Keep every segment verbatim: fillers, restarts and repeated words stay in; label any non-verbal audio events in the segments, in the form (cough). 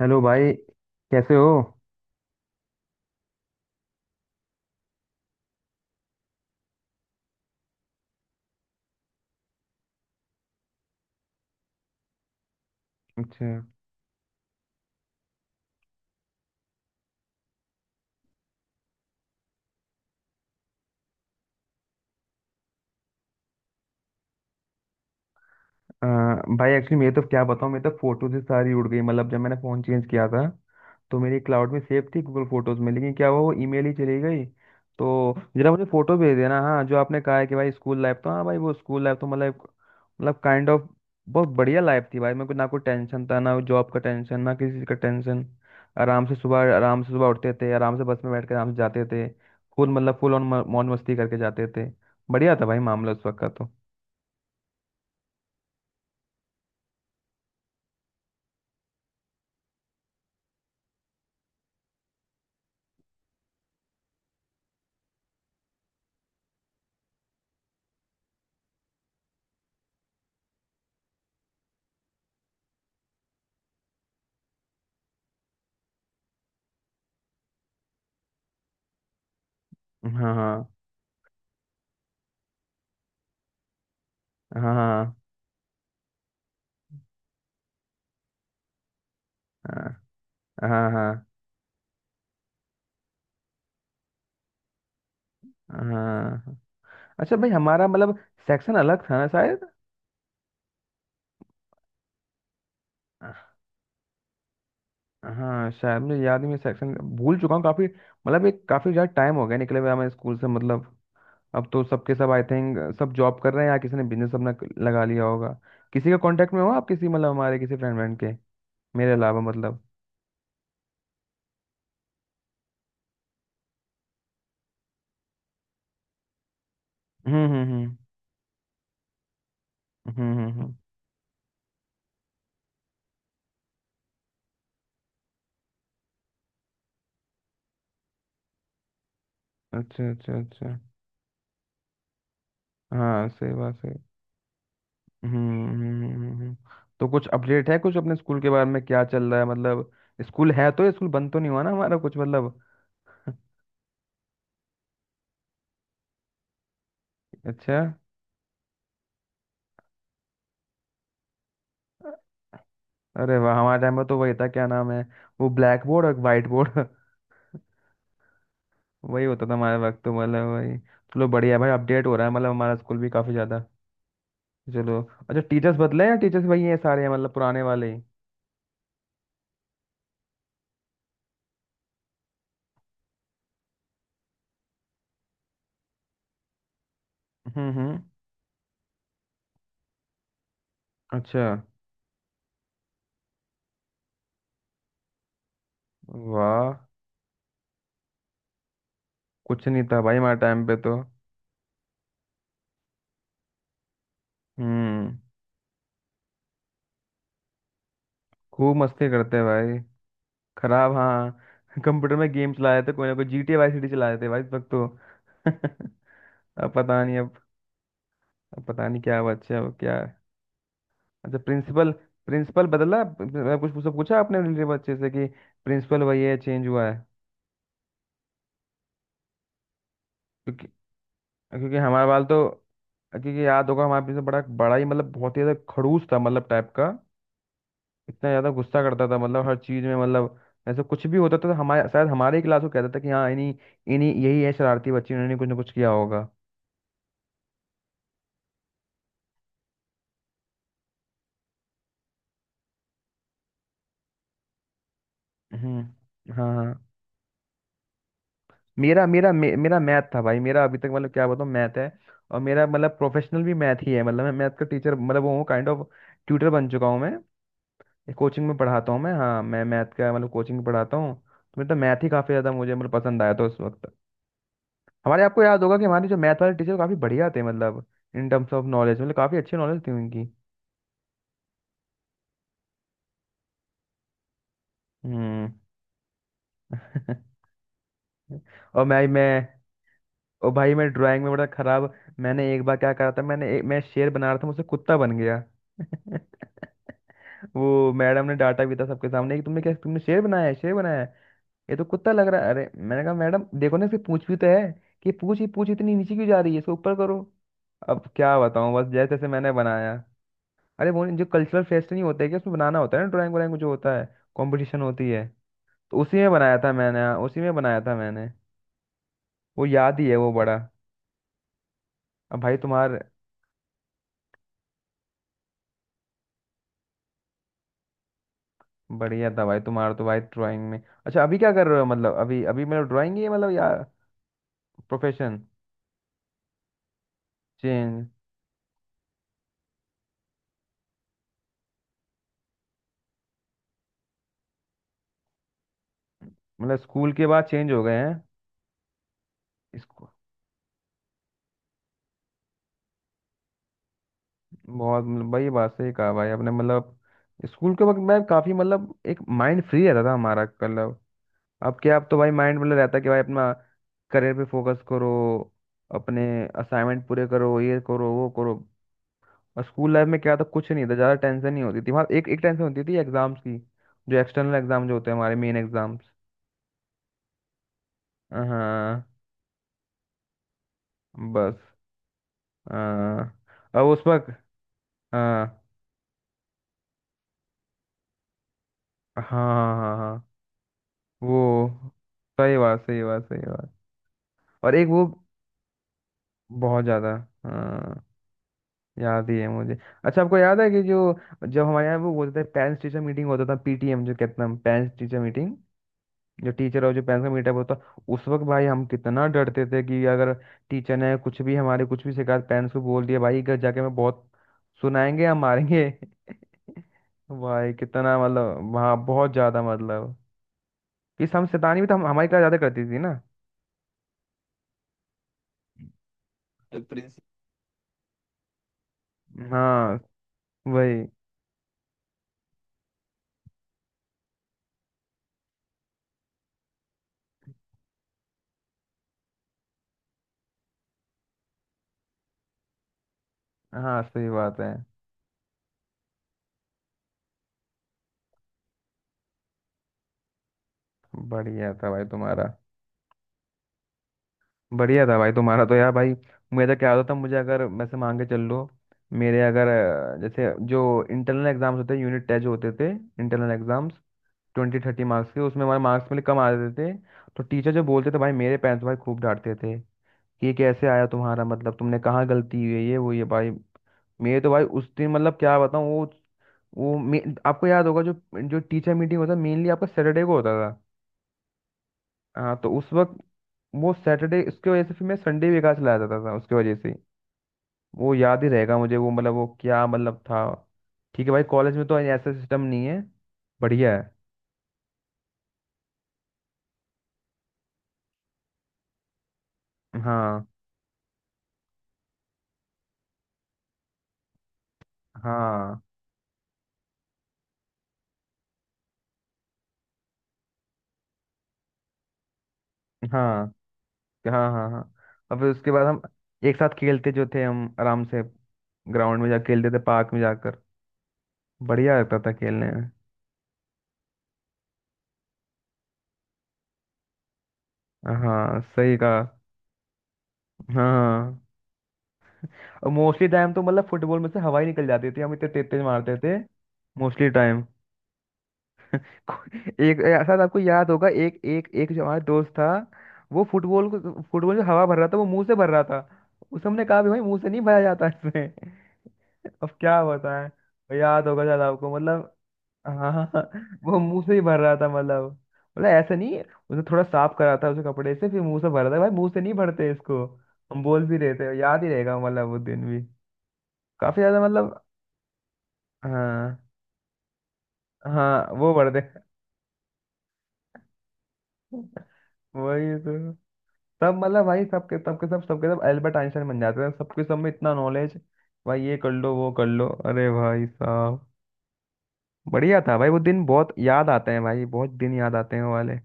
Hello भाई। कैसे हो? अच्छा। अ, भाई एक्चुअली मैं तो क्या बताऊँ। मैं तो फोटो से सारी उड़ गई मतलब जब मैंने फ़ोन चेंज किया था तो मेरी क्लाउड में सेव थी, गूगल फोटोज में। लेकिन क्या हुआ, वो ईमेल ही चली गई। तो जरा मुझे फोटो भेज देना। हाँ, जो आपने कहा है कि भाई स्कूल लाइफ, तो हाँ भाई वो स्कूल लाइफ तो मतलब मतलब काइंड ऑफ बहुत बढ़िया लाइफ थी भाई। मेरे को ना कोई टेंशन था, ना जॉब का टेंशन, ना किसी चीज़ का टेंशन। आराम से सुबह आराम से सुबह उठते थे, आराम से बस में बैठ कर आराम से जाते थे। फुल मतलब फुल ऑन मौज मस्ती करके जाते थे। बढ़िया था भाई, मामला उस वक्त का तो। हाँ, हाँ, हाँ, हाँ, हाँ, हाँ, हाँ। हाँ, हाँ। अच्छा भाई, हमारा मतलब सेक्शन अलग था ना शायद। हाँ, शायद मुझे याद नहीं, मैं सेक्शन भूल चुका हूँ। काफी मतलब एक काफी ज्यादा टाइम हो गया निकले हुए हमें स्कूल से मतलब। अब तो सबके सब, आई थिंक, सब जॉब कर रहे हैं या किसी ने बिजनेस अपना क- लगा लिया होगा। किसी के कांटेक्ट में हो आप किसी मतलब हमारे किसी फ्रेंड फ्रेंड के, मेरे अलावा मतलब? हम्म, हम्म, हम्म, हम्म, हम्म, हम्म। अच्छा, अच्छा, अच्छा। हाँ, सही बात, सही। हम्म, हम्म, हम्म, हम्म। हम्म। तो कुछ अपडेट है, कुछ अपने स्कूल के बारे में क्या चल रहा है मतलब? स्कूल है, तो स्कूल बंद तो नहीं हुआ ना हमारा, कुछ मतलब? (laughs) अच्छा। अरे वाह! हमारे टाइम में तो वही था, क्या नाम है वो, ब्लैक बोर्ड और वाइट बोर्ड। (laughs) वही होता था हमारे वक्त तो, मतलब वही। चलो, बढ़िया है भाई। अपडेट हो रहा है, मतलब हमारा स्कूल भी काफी ज्यादा। चलो। अच्छा, टीचर्स बदले हैं या टीचर्स वही हैं सारे हैं, मतलब पुराने वाले ही? हम्म, हम्म। अच्छा। वाह। कुछ नहीं था भाई हमारे टाइम पे तो। हम्म। खूब मस्ती करते भाई। खराब, हाँ। (laughs) कंप्यूटर में गेम चलाए थे, कोई ना कोई G T Y C D चलाए थे भाई इस वक्त तो। (laughs) अब पता नहीं। अब अब पता नहीं क्या, बच्चे अब क्या। अच्छा, प्रिंसिपल। प्रिंसिपल बदला प- प- कुछ पूछा पूछा आपने रिलेटिव बच्चे से कि प्रिंसिपल वही है, चेंज हुआ है? क्योंकि क्योंकि हमारा वाल तो, क्योंकि याद होगा हमारा प्रिंसिपल, बड़ा बड़ा ही मतलब, बहुत ही ज़्यादा खड़ूस था मतलब टाइप का। इतना ज़्यादा गुस्सा करता था मतलब हर चीज़ में मतलब। ऐसा कुछ भी होता था तो हमारे शायद हमारे ही क्लास को कहता था कि हाँ, इन्हीं इन्हीं, यही है शरारती बच्चे, इन्होंने कुछ ना कुछ किया होगा। हम्म। हाँ, हाँ। मेरा मेरा मे, मेरा मैथ था भाई, मेरा अभी तक मतलब क्या बताऊँ, मैथ है। और मेरा मतलब प्रोफेशनल भी मैथ ही है, मतलब मैं मैथ का टीचर मतलब वो हूँ, काइंड ऑफ ट्यूटर बन चुका हूँ मैं। कोचिंग में पढ़ाता हूँ मैं। हाँ, मैं मैथ का मतलब कोचिंग में पढ़ाता हूँ। तो मेरा तो मैथ ही काफ़ी ज़्यादा मुझे मतलब पसंद आया था उस वक्त। हमारे आपको याद होगा कि हमारे जो मैथ वाले टीचर काफ़ी बढ़िया थे, मतलब इन टर्म्स ऑफ नॉलेज मतलब काफ़ी अच्छी नॉलेज थी उनकी। हम्म। (laughs) और मैं मैं और भाई मैं ड्राइंग में बड़ा खराब। मैंने एक बार क्या करा था, मैंने एक, मैं शेर बना रहा था, मुझसे कुत्ता बन गया। (laughs) वो मैडम ने डांटा भी था सबके सामने कि तुमने क्या, तुमने शेर बनाया है, शेर बनाया है? ये तो कुत्ता लग रहा है। अरे मैंने कहा मैडम देखो ना, इसकी पूंछ भी तो है। कि पूंछ ही पूंछ इतनी नीचे क्यों जा रही है, इसको ऊपर करो। अब क्या बताऊं, बस जैसे जैसे मैंने बनाया। अरे वो जो कल्चरल फेस्ट नहीं होते कि उसमें बनाना होता है ना, ड्राइंग व्राइंग जो होता है, कंपटीशन होती है। तो उसी में बनाया था मैंने। हाँ, उसी में बनाया था मैंने। वो याद ही है, वो बड़ा। अब भाई तुम्हार बढ़िया था भाई तुम्हारा तो भाई ड्राइंग में। अच्छा, अभी क्या कर रहे हो मतलब अभी, अभी मेरा ड्राइंग ही है मतलब, या प्रोफेशन चेंज, मतलब स्कूल के बाद चेंज हो गए हैं? इसको बहुत मतलब, भाई ये बात सही कहा भाई आपने मतलब। स्कूल के वक्त मैं काफी मतलब एक माइंड फ्री रहता था हमारा मतलब। अब क्या अब तो भाई माइंड मतलब रहता है कि भाई अपना करियर पे फोकस करो, अपने असाइनमेंट पूरे करो, ये करो, वो करो। और स्कूल लाइफ में क्या था, कुछ नहीं था, ज्यादा टेंशन नहीं होती थी। वहाँ एक एक टेंशन होती थी एग्जाम्स की, जो एक्सटर्नल एग्जाम जो होते हैं, हमारे मेन एग्जाम्स। हाँ। बस। हाँ। और उस वक्त। हाँ, हाँ, हाँ, हाँ, हाँ, हाँ। वो, सही बात, सही बात, सही बात। और एक वो बहुत ज्यादा। हाँ, याद ही है मुझे। अच्छा, आपको याद है कि जो जब हमारे यहाँ वो बोलते थे पेरेंट्स टीचर मीटिंग होता था, पीटीएम जो कहते हैं, पेरेंट्स टीचर मीटिंग, जो टीचर और जो पेरेंट्स का मीटअप होता? उस वक्त भाई हम कितना डरते थे कि अगर टीचर ने कुछ भी हमारे कुछ भी शिकायत पेरेंट्स को बोल दिया, भाई घर जाके हमें बहुत सुनाएंगे या मारेंगे। (laughs) भाई कितना मतलब वहाँ बहुत ज्यादा मतलब कि हम शैतानी भी तो हम हमारी क्लास ज्यादा करती थी ना। प्रिंसिपल। हाँ, वही। हाँ, सही बात है। बढ़िया था भाई तुम्हारा। बढ़िया था भाई तुम्हारा तो यार भाई। मेरा क्या होता था, मुझे अगर वैसे मान के चल लो। मेरे अगर अ, जैसे जो इंटरनल एग्जाम्स होते, यूनिट टेस्ट जो होते थे internal exams, twenty thirty marks के, उसमें हमारे मार्क्स मेरे कम आ जाते थे। तो टीचर जो बोलते थे भाई, मेरे पेरेंट्स भाई खूब डांटते थे कि ये कैसे आया तुम्हारा, मतलब तुमने कहाँ गलती हुई है, ये, वो, ये भाई। मेरे तो भाई उस दिन मतलब क्या बताऊँ वो। वो मे- आपको याद होगा जो जो टीचर मीटिंग होता मेनली आपका सैटरडे को होता था। हाँ, तो उस वक्त वो सैटरडे, उसकी वजह से फिर मैं संडे भी बेकार चला जाता था उसकी वजह से। वो याद ही रहेगा मुझे, वो मतलब वो क्या मतलब था। ठीक है भाई, कॉलेज में तो ऐसा सिस्टम नहीं है। बढ़िया है। हाँ, हाँ, हाँ, हाँ, हाँ, हाँ। और फिर उसके बाद हम एक साथ खेलते जो थे हम, आराम से ग्राउंड में जा खेलते थे, पार्क में जाकर। बढ़िया लगता था खेलने में। हाँ, सही कहा। हाँ, हाँ, हाँ। और मोस्टली टाइम तो मतलब फुटबॉल में से हवा ही निकल जाती थी, हम इतने तेज तेज मारते थे मोस्टली टाइम। एक, शायद आपको याद होगा, एक एक एक जो हमारा दोस्त था, वो फुटबॉल को, फुटबॉल जो हवा भर रहा था वो मुंह से भर रहा था। उसे हमने कहा भी भाई मुंह से नहीं भरा जाता इसमें। (laughs) अब क्या होता है, याद होगा शायद आपको मतलब। हाँ, हाँ, वो मुंह से ही भर रहा था मतलब। मतलब ऐसे नहीं, उसे थोड़ा साफ करा था उसे कपड़े से, फिर मुंह से भर रहा था, भाई मुंह से नहीं भरते इसको। हम बोल भी रहे थे। याद ही रहेगा मतलब वो दिन भी काफी ज्यादा मतलब। हाँ, हाँ, वो भर दे। (laughs) वही तो। सब मतलब भाई, सबके सबके सब सबके सब एल्बर्ट आइंस्टाइन बन जाते हैं, सबके सब में इतना नॉलेज, भाई ये कर लो वो कर लो, अरे भाई साहब। बढ़िया था भाई, वो दिन बहुत याद आते हैं भाई, बहुत दिन याद आते हैं वो वाले।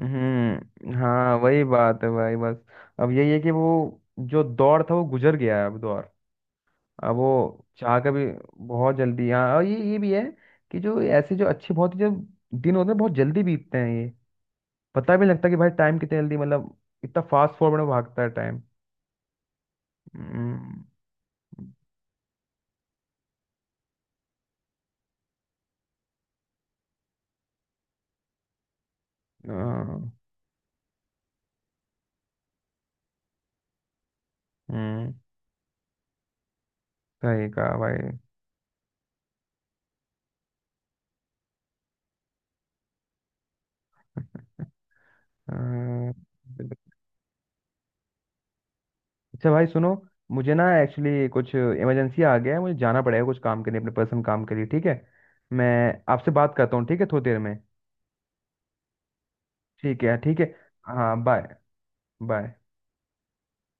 हम्म। हाँ, वही बात है भाई बस। अब यही है कि वो जो दौर था वो गुजर गया है, अब दौर, अब वो चाह का भी। बहुत जल्दी, हाँ। और ये ये भी है कि जो ऐसे जो अच्छे, बहुत ही जो दिन होते हैं, बहुत जल्दी बीतते हैं। ये पता भी नहीं लगता कि भाई टाइम कितने जल्दी मतलब इतना फास्ट फॉरवर्ड में भागता है टाइम। हाँ। हम्म, सही कहा भाई। हाँ। अच्छा भाई सुनो, मुझे ना एक्चुअली कुछ इमरजेंसी आ गया है, मुझे जाना पड़ेगा कुछ काम के लिए, अपने पर्सनल काम के लिए, ठीक है? मैं आपसे बात करता हूँ, ठीक है, थोड़ी देर में। ठीक है, ठीक है। हाँ, बाय। बाय।